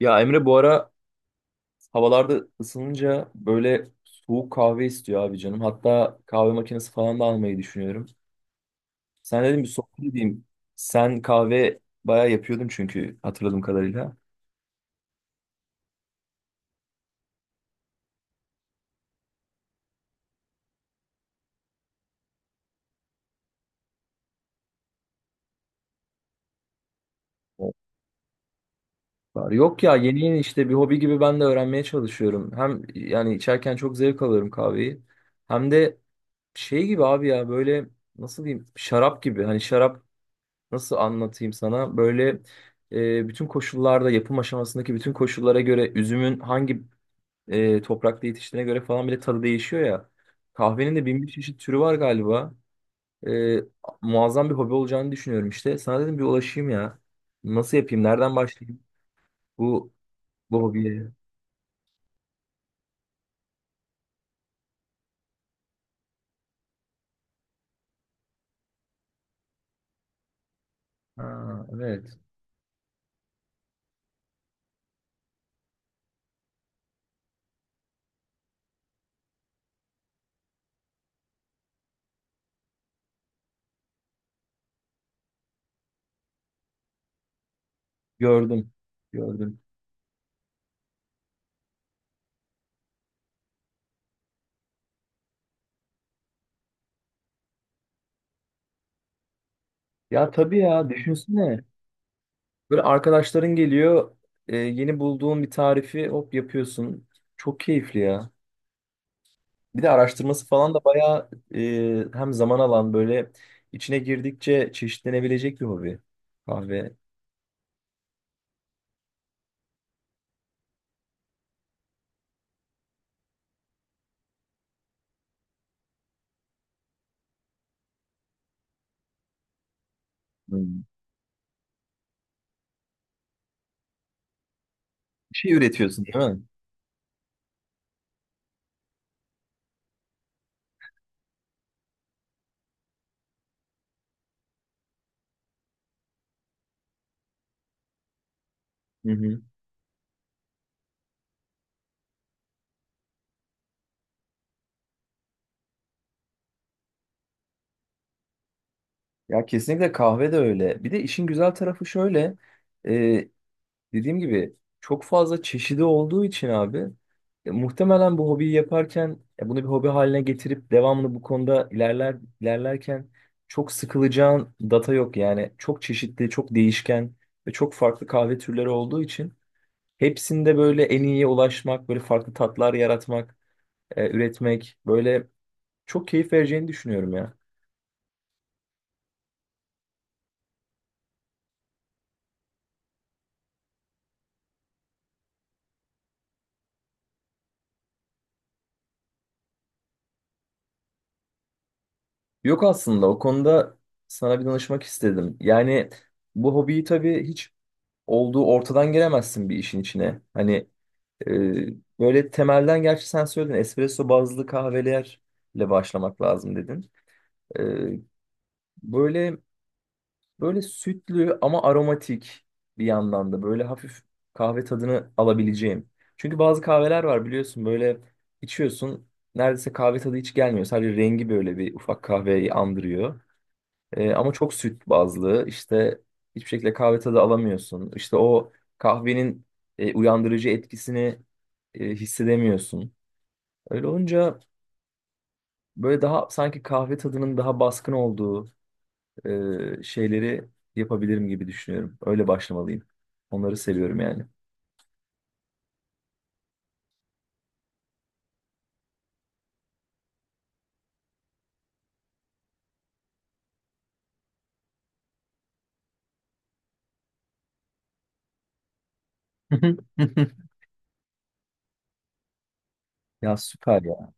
Ya Emre bu ara havalarda ısınınca böyle soğuk kahve istiyor abi canım. Hatta kahve makinesi falan da almayı düşünüyorum. Sen dedim bir sohbet edeyim. Sen kahve bayağı yapıyordun çünkü hatırladığım kadarıyla. Evet. Var. Yok ya, yeni yeni işte bir hobi gibi ben de öğrenmeye çalışıyorum. Hem yani içerken çok zevk alıyorum kahveyi. Hem de şey gibi abi ya, böyle nasıl diyeyim, şarap gibi. Hani şarap nasıl anlatayım sana? Böyle bütün koşullarda, yapım aşamasındaki bütün koşullara göre üzümün hangi toprakta yetiştiğine göre falan bile tadı değişiyor ya. Kahvenin de bin bir çeşit türü var galiba. E, Muazzam bir hobi olacağını düşünüyorum işte. Sana dedim bir ulaşayım ya. Nasıl yapayım? Nereden başlayayım bu bu hobiye? Ha, evet. Gördüm. Gördüm. Ya tabii ya, düşünsene. Böyle arkadaşların geliyor. Yeni bulduğun bir tarifi hop yapıyorsun. Çok keyifli ya. Bir de araştırması falan da bayağı hem zaman alan, böyle içine girdikçe çeşitlenebilecek bir hobi. Kahve. Hmm. Bir şey üretiyorsun, değil mi? Hı hı. Ya kesinlikle, kahve de öyle. Bir de işin güzel tarafı şöyle. e, Dediğim gibi çok fazla çeşidi olduğu için abi, muhtemelen bu hobiyi yaparken bunu bir hobi haline getirip devamlı bu konuda ilerler ilerlerken çok sıkılacağın data yok. Yani çok çeşitli, çok değişken ve çok farklı kahve türleri olduğu için hepsinde böyle en iyiye ulaşmak, böyle farklı tatlar yaratmak, üretmek böyle çok keyif vereceğini düşünüyorum ya. Yok aslında, o konuda sana bir danışmak istedim. Yani bu hobiyi tabii hiç olduğu ortadan giremezsin bir işin içine. Hani, e, böyle temelden, gerçi sen söyledin espresso bazlı kahvelerle başlamak lazım dedin. E, Böyle böyle sütlü ama aromatik, bir yandan da böyle hafif kahve tadını alabileceğim. Çünkü bazı kahveler var biliyorsun, böyle içiyorsun neredeyse kahve tadı hiç gelmiyor. Sadece rengi böyle bir ufak kahveyi andırıyor. Ama çok süt bazlı işte, hiçbir şekilde kahve tadı alamıyorsun. İşte o kahvenin uyandırıcı etkisini hissedemiyorsun. Öyle olunca böyle daha, sanki kahve tadının daha baskın olduğu şeyleri yapabilirim gibi düşünüyorum. Öyle başlamalıyım. Onları seviyorum yani. Ya süper ya.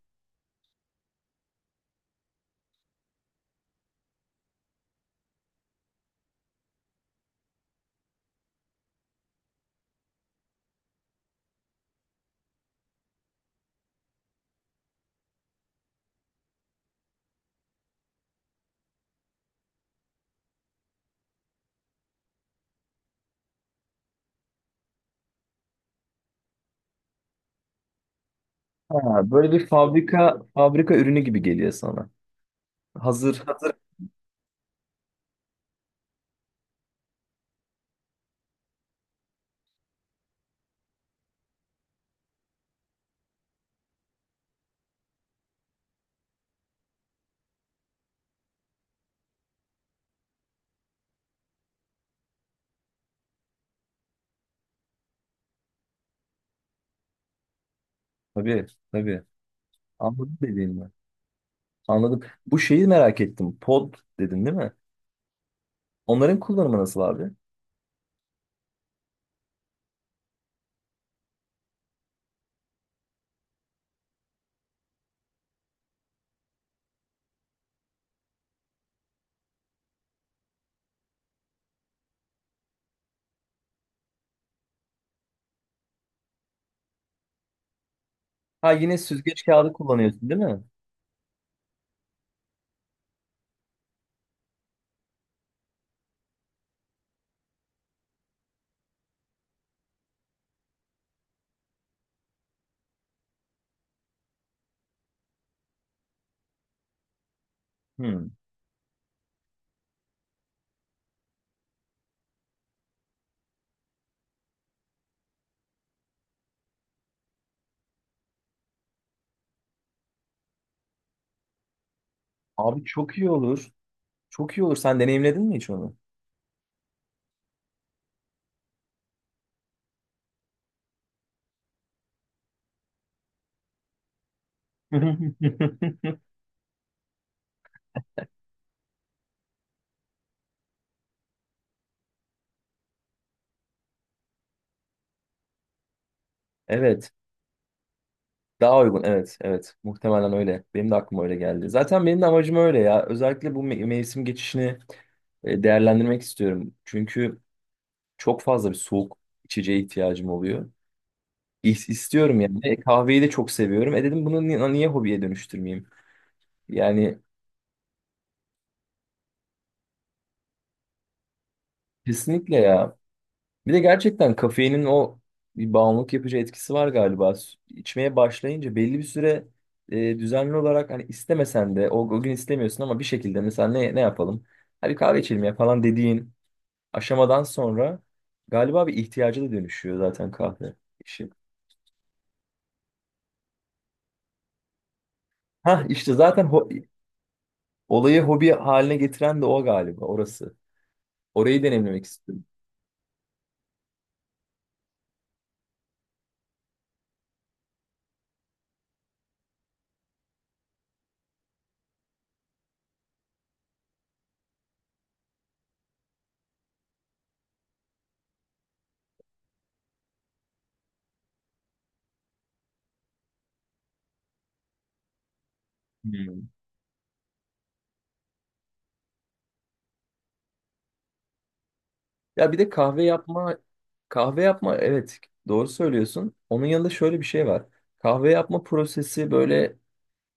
Ha, böyle bir fabrika fabrika ürünü gibi geliyor sana. Hazır hazır. Tabii tabii. Anladım dediğini. Anladım. Bu şeyi merak ettim. Pod dedin, değil mi? Onların kullanımı nasıl abi? Ha, yine süzgeç kağıdı kullanıyorsun değil mi? Hmm. Abi çok iyi olur. Çok iyi olur. Sen deneyimledin mi hiç onu? Evet. Daha uygun, evet evet, muhtemelen öyle. Benim de aklıma öyle geldi. Zaten benim de amacım öyle ya. Özellikle bu mevsim geçişini değerlendirmek istiyorum. Çünkü çok fazla bir soğuk içeceğe ihtiyacım oluyor. İstiyorum yani. E, kahveyi de çok seviyorum. E dedim, bunu niye hobiye dönüştürmeyeyim? Yani kesinlikle ya. Bir de gerçekten kafeinin o bir bağımlılık yapıcı etkisi var galiba. İçmeye başlayınca belli bir süre düzenli olarak, hani istemesen de o gün istemiyorsun, ama bir şekilde mesela ne ne yapalım? Hadi kahve içelim ya falan dediğin aşamadan sonra galiba bir ihtiyaca da dönüşüyor zaten kahve işi. Ha işte zaten olayı hobi haline getiren de o galiba, orası. Orayı deneyimlemek istiyorum. Ya bir de kahve yapma, evet doğru söylüyorsun. Onun yanında şöyle bir şey var. Kahve yapma prosesi böyle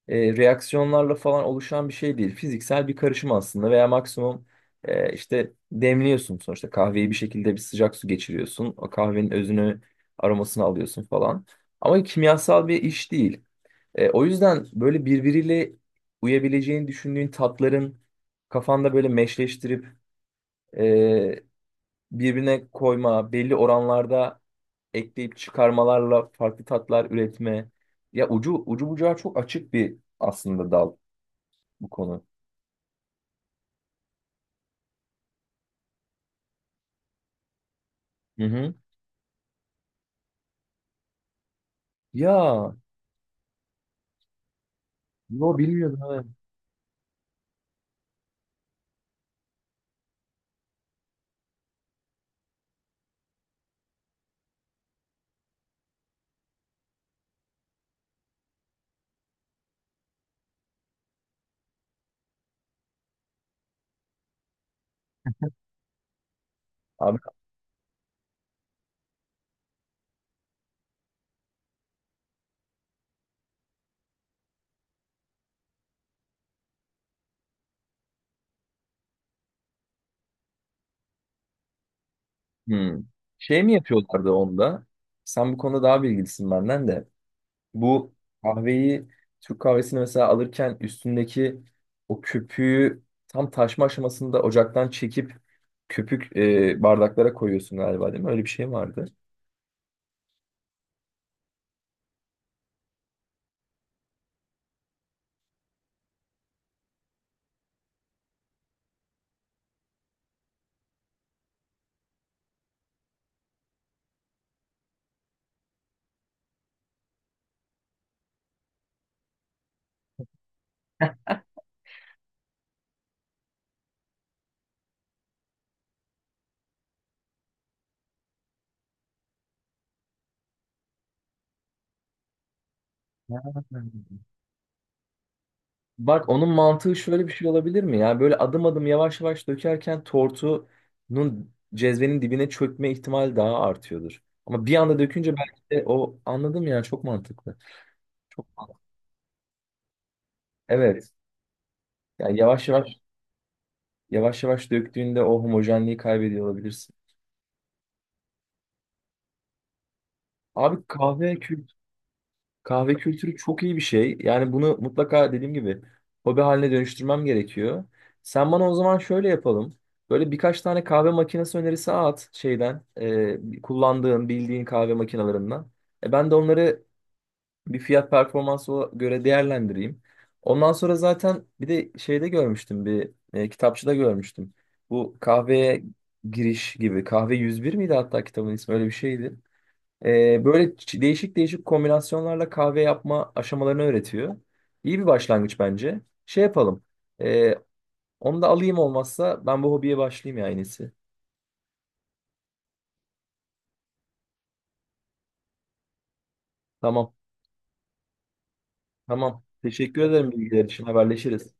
reaksiyonlarla falan oluşan bir şey değil. Fiziksel bir karışım aslında, veya maksimum işte demliyorsun sonuçta. Kahveyi bir şekilde bir sıcak su geçiriyorsun. O kahvenin özünü, aromasını alıyorsun falan. Ama kimyasal bir iş değil. E, o yüzden böyle birbiriyle uyabileceğini düşündüğün tatların kafanda böyle meşleştirip e, birbirine koyma, belli oranlarda ekleyip çıkarmalarla farklı tatlar üretme. Ya ucu ucu bucağı çok açık bir aslında dal bu konu. Hı hı. Ya yo, bilmiyordum evet. Abi hı. Şey mi yapıyorlardı onda? Sen bu konuda daha bilgilisin benden de. Bu kahveyi, Türk kahvesini mesela alırken üstündeki o köpüğü tam taşma aşamasında ocaktan çekip köpük bardaklara koyuyorsun galiba, değil mi? Öyle bir şey vardı. Ya. Bak, onun mantığı şöyle bir şey olabilir mi? Yani böyle adım adım yavaş yavaş dökerken tortunun cezvenin dibine çökme ihtimali daha artıyordur. Ama bir anda dökünce belki de o, anladım yani, çok mantıklı. Çok mantıklı. Evet. Yani yavaş yavaş, yavaş yavaş döktüğünde o homojenliği kaybediyor olabilirsin. Abi kahve kültürü çok iyi bir şey. Yani bunu mutlaka dediğim gibi hobi haline dönüştürmem gerekiyor. Sen bana o zaman şöyle yapalım. Böyle birkaç tane kahve makinesi önerisi at şeyden, kullandığın, bildiğin kahve makinalarından. E, ben de onları bir fiyat performansı göre değerlendireyim. Ondan sonra zaten bir de şeyde görmüştüm, bir kitapçıda görmüştüm. Bu kahveye giriş gibi, kahve 101 miydi, hatta kitabın ismi öyle bir şeydi. E, böyle değişik değişik kombinasyonlarla kahve yapma aşamalarını öğretiyor. İyi bir başlangıç bence. Şey yapalım. E, onu da alayım olmazsa, ben bu hobiye başlayayım ya en iyisi. Tamam tamam. Teşekkür ederim bilgiler için, haberleşiriz.